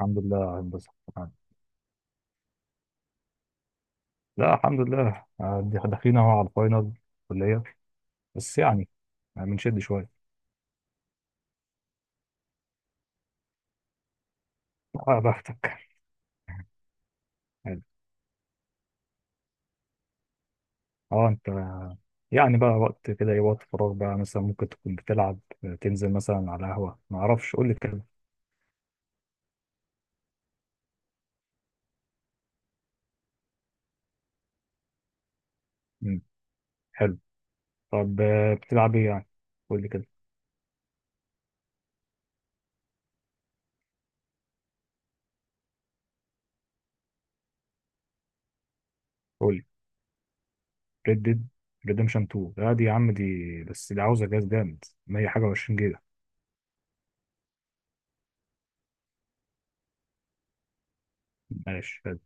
الحمد لله يا هندسة، تمام. لا الحمد لله، داخلين اهو على الفاينل كلية، بس يعني بنشد شوية. اه، بختك حلو. اه انت، يعني بقى وقت كده ايه، وقت فراغ بقى مثلا ممكن تكون بتلعب، تنزل مثلا على قهوة، ما اعرفش، قول لي كده. مم. حلو. طب بتلعب ايه يعني؟ قول لي كده. قول لي. ريد ديد ريدمشن 2؟ لا دي يا عم، دي بس دي عاوزة جهاز جامد 100 حاجة و20 جيجا. ماشي، حلو.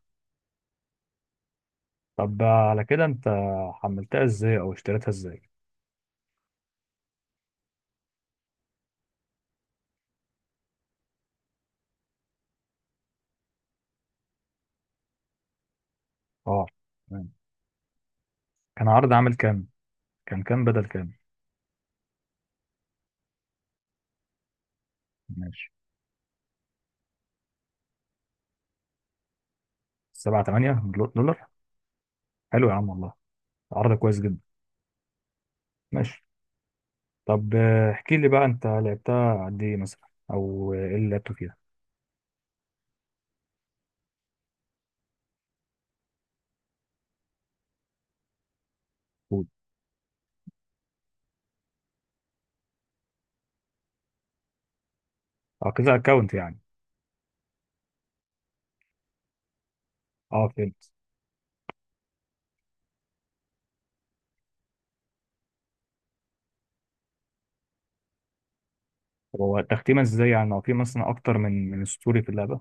طب على كده انت حملتها ازاي، او اشتريتها ازاي؟ اه. كان عرض عامل كام؟ كان كام بدل كام؟ ماشي. 7 8 دولار. حلو يا عم والله، عرض كويس جدا. ماشي. طب احكي لي بقى انت لعبتها قد ايه مثلا، او ايه اللي لعبته فيها؟ قول. اه، كذا اكونت يعني. اه فهمت. هو تختيمه ازاي يعني؟ هو في مثلا اكتر من من ستوري في اللعبه،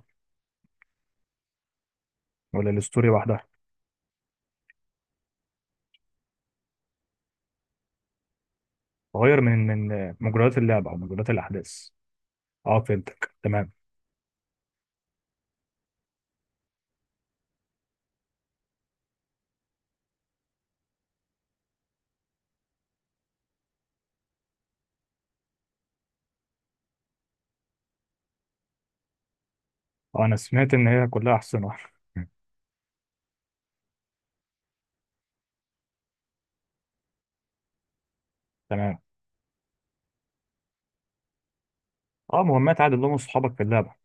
ولا الستوري واحده؟ غير من مجريات اللعبه، او مجريات الاحداث. اه فهمتك تمام. اه انا سمعت ان هي كلها احسن واحده. تمام. اه، مهمات عادي اللي هم اصحابك في اللعبه.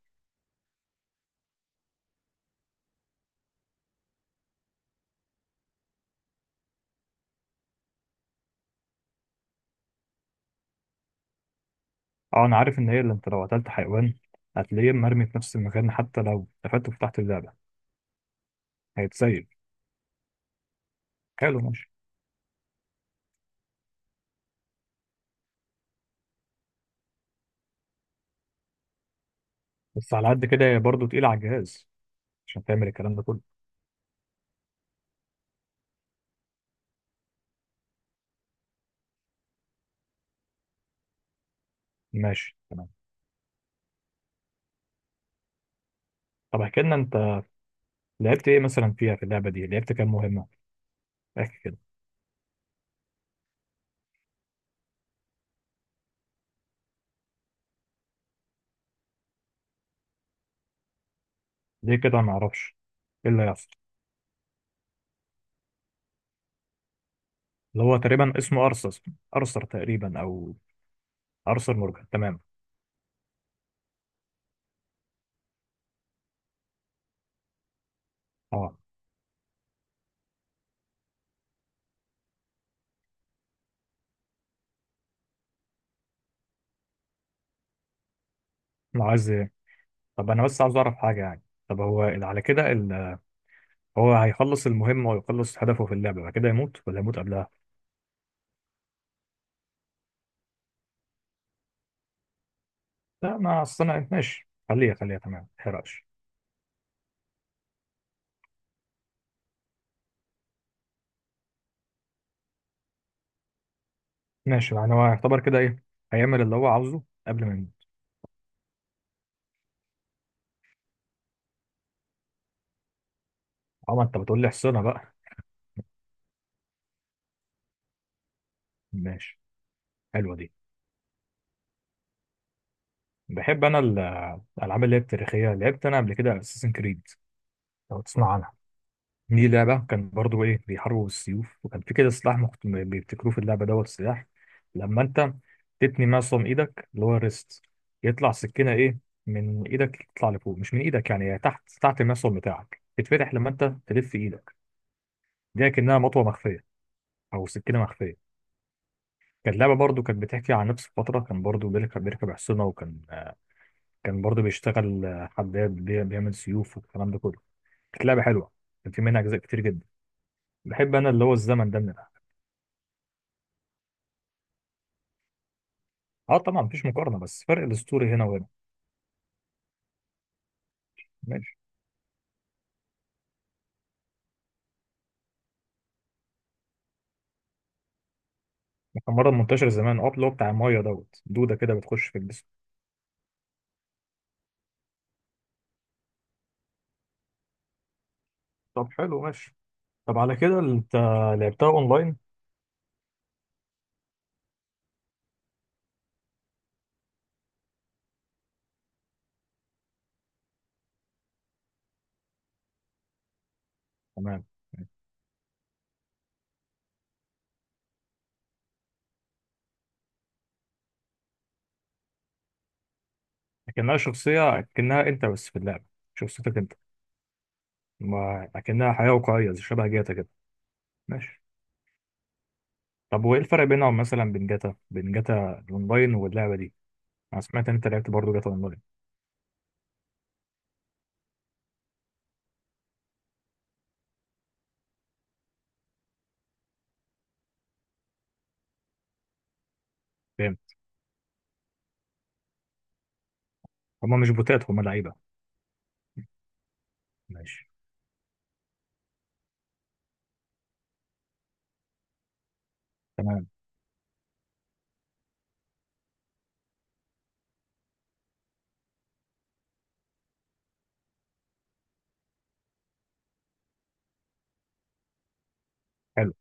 اه انا عارف ان هي، اللي انت لو قتلت حيوان هتلاقيه مرمي في نفس المكان، حتى لو قفلت وفتحت اللعبه. هيتسيب. حلو، ماشي. بس على قد كده هي برضه تقيله على الجهاز، عشان تعمل الكلام ده كله. ماشي تمام. طب احكي لنا انت، لعبت ايه مثلا فيها، في اللعبه دي لعبت كام مهمه؟ احكي كده. ليه كده، ما اعرفش؟ ايه اللي هيحصل؟ اللي هو تقريبا اسمه ارثر. ارثر تقريبا، او ارثر مورجان تمام. اه انا عايز ايه، طب انا بس عاوز اعرف حاجه يعني. طب هو اللي على كده هو هيخلص المهمه ويخلص هدفه في اللعبه بعد كده يموت، ولا يموت قبلها؟ لا، ما اصل انا ماشي، خليها خليها تمام، ما تحرقش. ماشي، يعني هو يعتبر كده ايه، هيعمل اللي هو عاوزه قبل ما يموت. اه ما انت بتقول لي احصنها بقى. ماشي، حلوه دي. بحب انا الالعاب اللي هي التاريخيه، لعبت انا قبل كده اساسن كريد، لو تسمع عنها. دي لعبه كان برضو ايه، بيحاربوا بالسيوف، وكان في كده سلاح بيبتكروه في اللعبه دوت، سلاح لما انت تتني معصم ايدك اللي هو الريست، يطلع سكينه ايه من ايدك، تطلع لفوق مش من ايدك، يعني هي تحت، تحت المعصم بتاعك تتفتح لما انت تلف ايدك. دي كأنها مطوة مخفية أو سكينة مخفية. كانت لعبة برضو، كانت بتحكي عن نفس الفترة، كان برضو بيركب حصنة، وكان آه، كان برضو بيشتغل حداد، بيعمل سيوف والكلام ده كله. كانت لعبة حلوة، كان في منها أجزاء كتير جدا. بحب أنا اللي هو الزمن ده من الألعاب. أه طبعا مفيش مقارنة، بس فرق الأسطوري هنا وهنا. ماشي. كان مرة منتشر زمان، اللي هو بتاع المية دوت، دودة كده بتخش في الجسم. طب حلو، ماشي. طب على كده أنت لعبتها أونلاين؟ تمام. لكنها شخصية كأنها أنت، بس في اللعبة شخصيتك أنت. ما اكنها حياه واقعيه، زي شبه جاتا كده. ماشي. طب وايه الفرق بينهم مثلا، بين جاتا بين جاتا الاونلاين واللعبه دي؟ انا سمعت ان انت لعبت برضه جاتا اونلاين. فاهم. هما مش بوتات، هما لعيبه. ماشي تمام، حلو.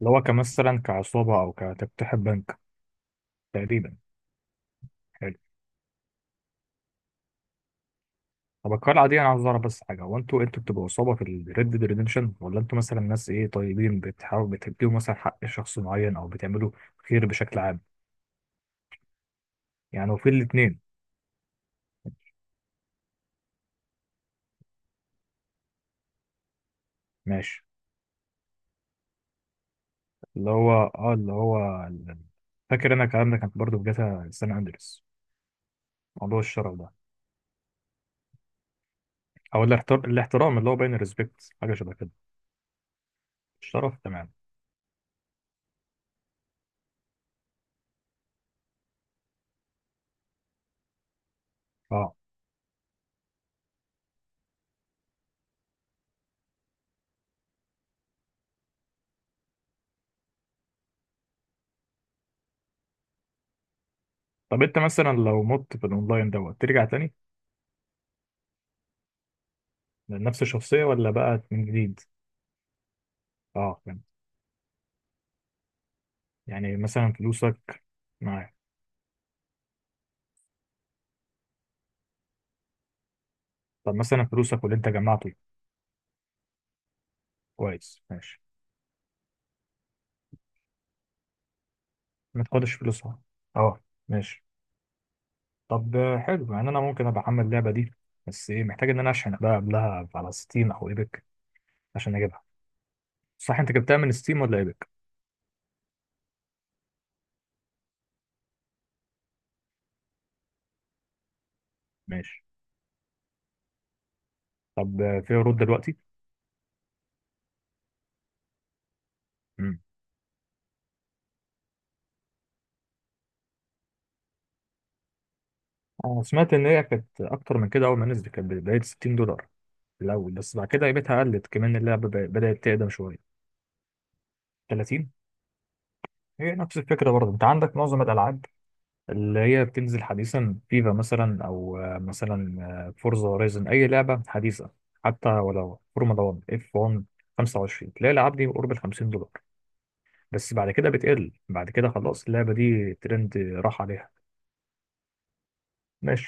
اللي هو كمثلا كعصابه، او كتفتح بنك. تقريبا. حلو. طب القلعه دي، انا عاوز اعرف بس حاجه، هو انتوا بتبقوا عصابه في الريد ديد ريدمشن، ولا انتوا مثلا ناس ايه طيبين بتحاولوا بتديهم مثلا حق شخص معين، او بتعملوا خير بشكل عام؟ يعني هو في الاثنين. ماشي. اللي هو فاكر انا الكلام ده كان برضه في جاتا سان اندريس، موضوع الشرف ده، او الاحترام اللي هو باين الريسبكت، حاجه شبه كده. الشرف تمام. اه. طب انت مثلا لو مت في الاونلاين دوت، ترجع تاني لنفس الشخصيه، ولا بقى من جديد؟ اه فهمت. يعني مثلا فلوسك معاك. طب مثلا فلوسك واللي انت جمعته. كويس، ماشي. ما تاخدش فلوسها. اه، ماشي. طب حلو، يعني انا ممكن ابقى احمل اللعبه دي، بس ايه، محتاج ان انا اشحن بقى قبلها على ستيم او ايبك عشان اجيبها؟ صح انت جبتها من ستيم ولا ايبك؟ ماشي. طب في عروض دلوقتي؟ امم. انا سمعت ان هي كانت اكتر من كده، اول ما نزلت كانت بدايه $60 الاول، بس بعد كده قيمتها قلت، كمان اللعبه بدات تقدم شويه. 30. هي نفس الفكره برضه، انت عندك معظم الالعاب اللي هي بتنزل حديثا، فيفا مثلا، او مثلا فورزا هورايزن، اي لعبه حديثه، حتى ولو فورمولا 1 اف 1 25، تلاقي الالعاب دي قرب ال $50، بس بعد كده بتقل، بعد كده خلاص اللعبه دي ترند راح عليها. ماشي.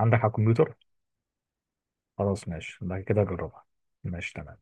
عندك على الكمبيوتر. خلاص ماشي، ده كده جربها. ماشي تمام.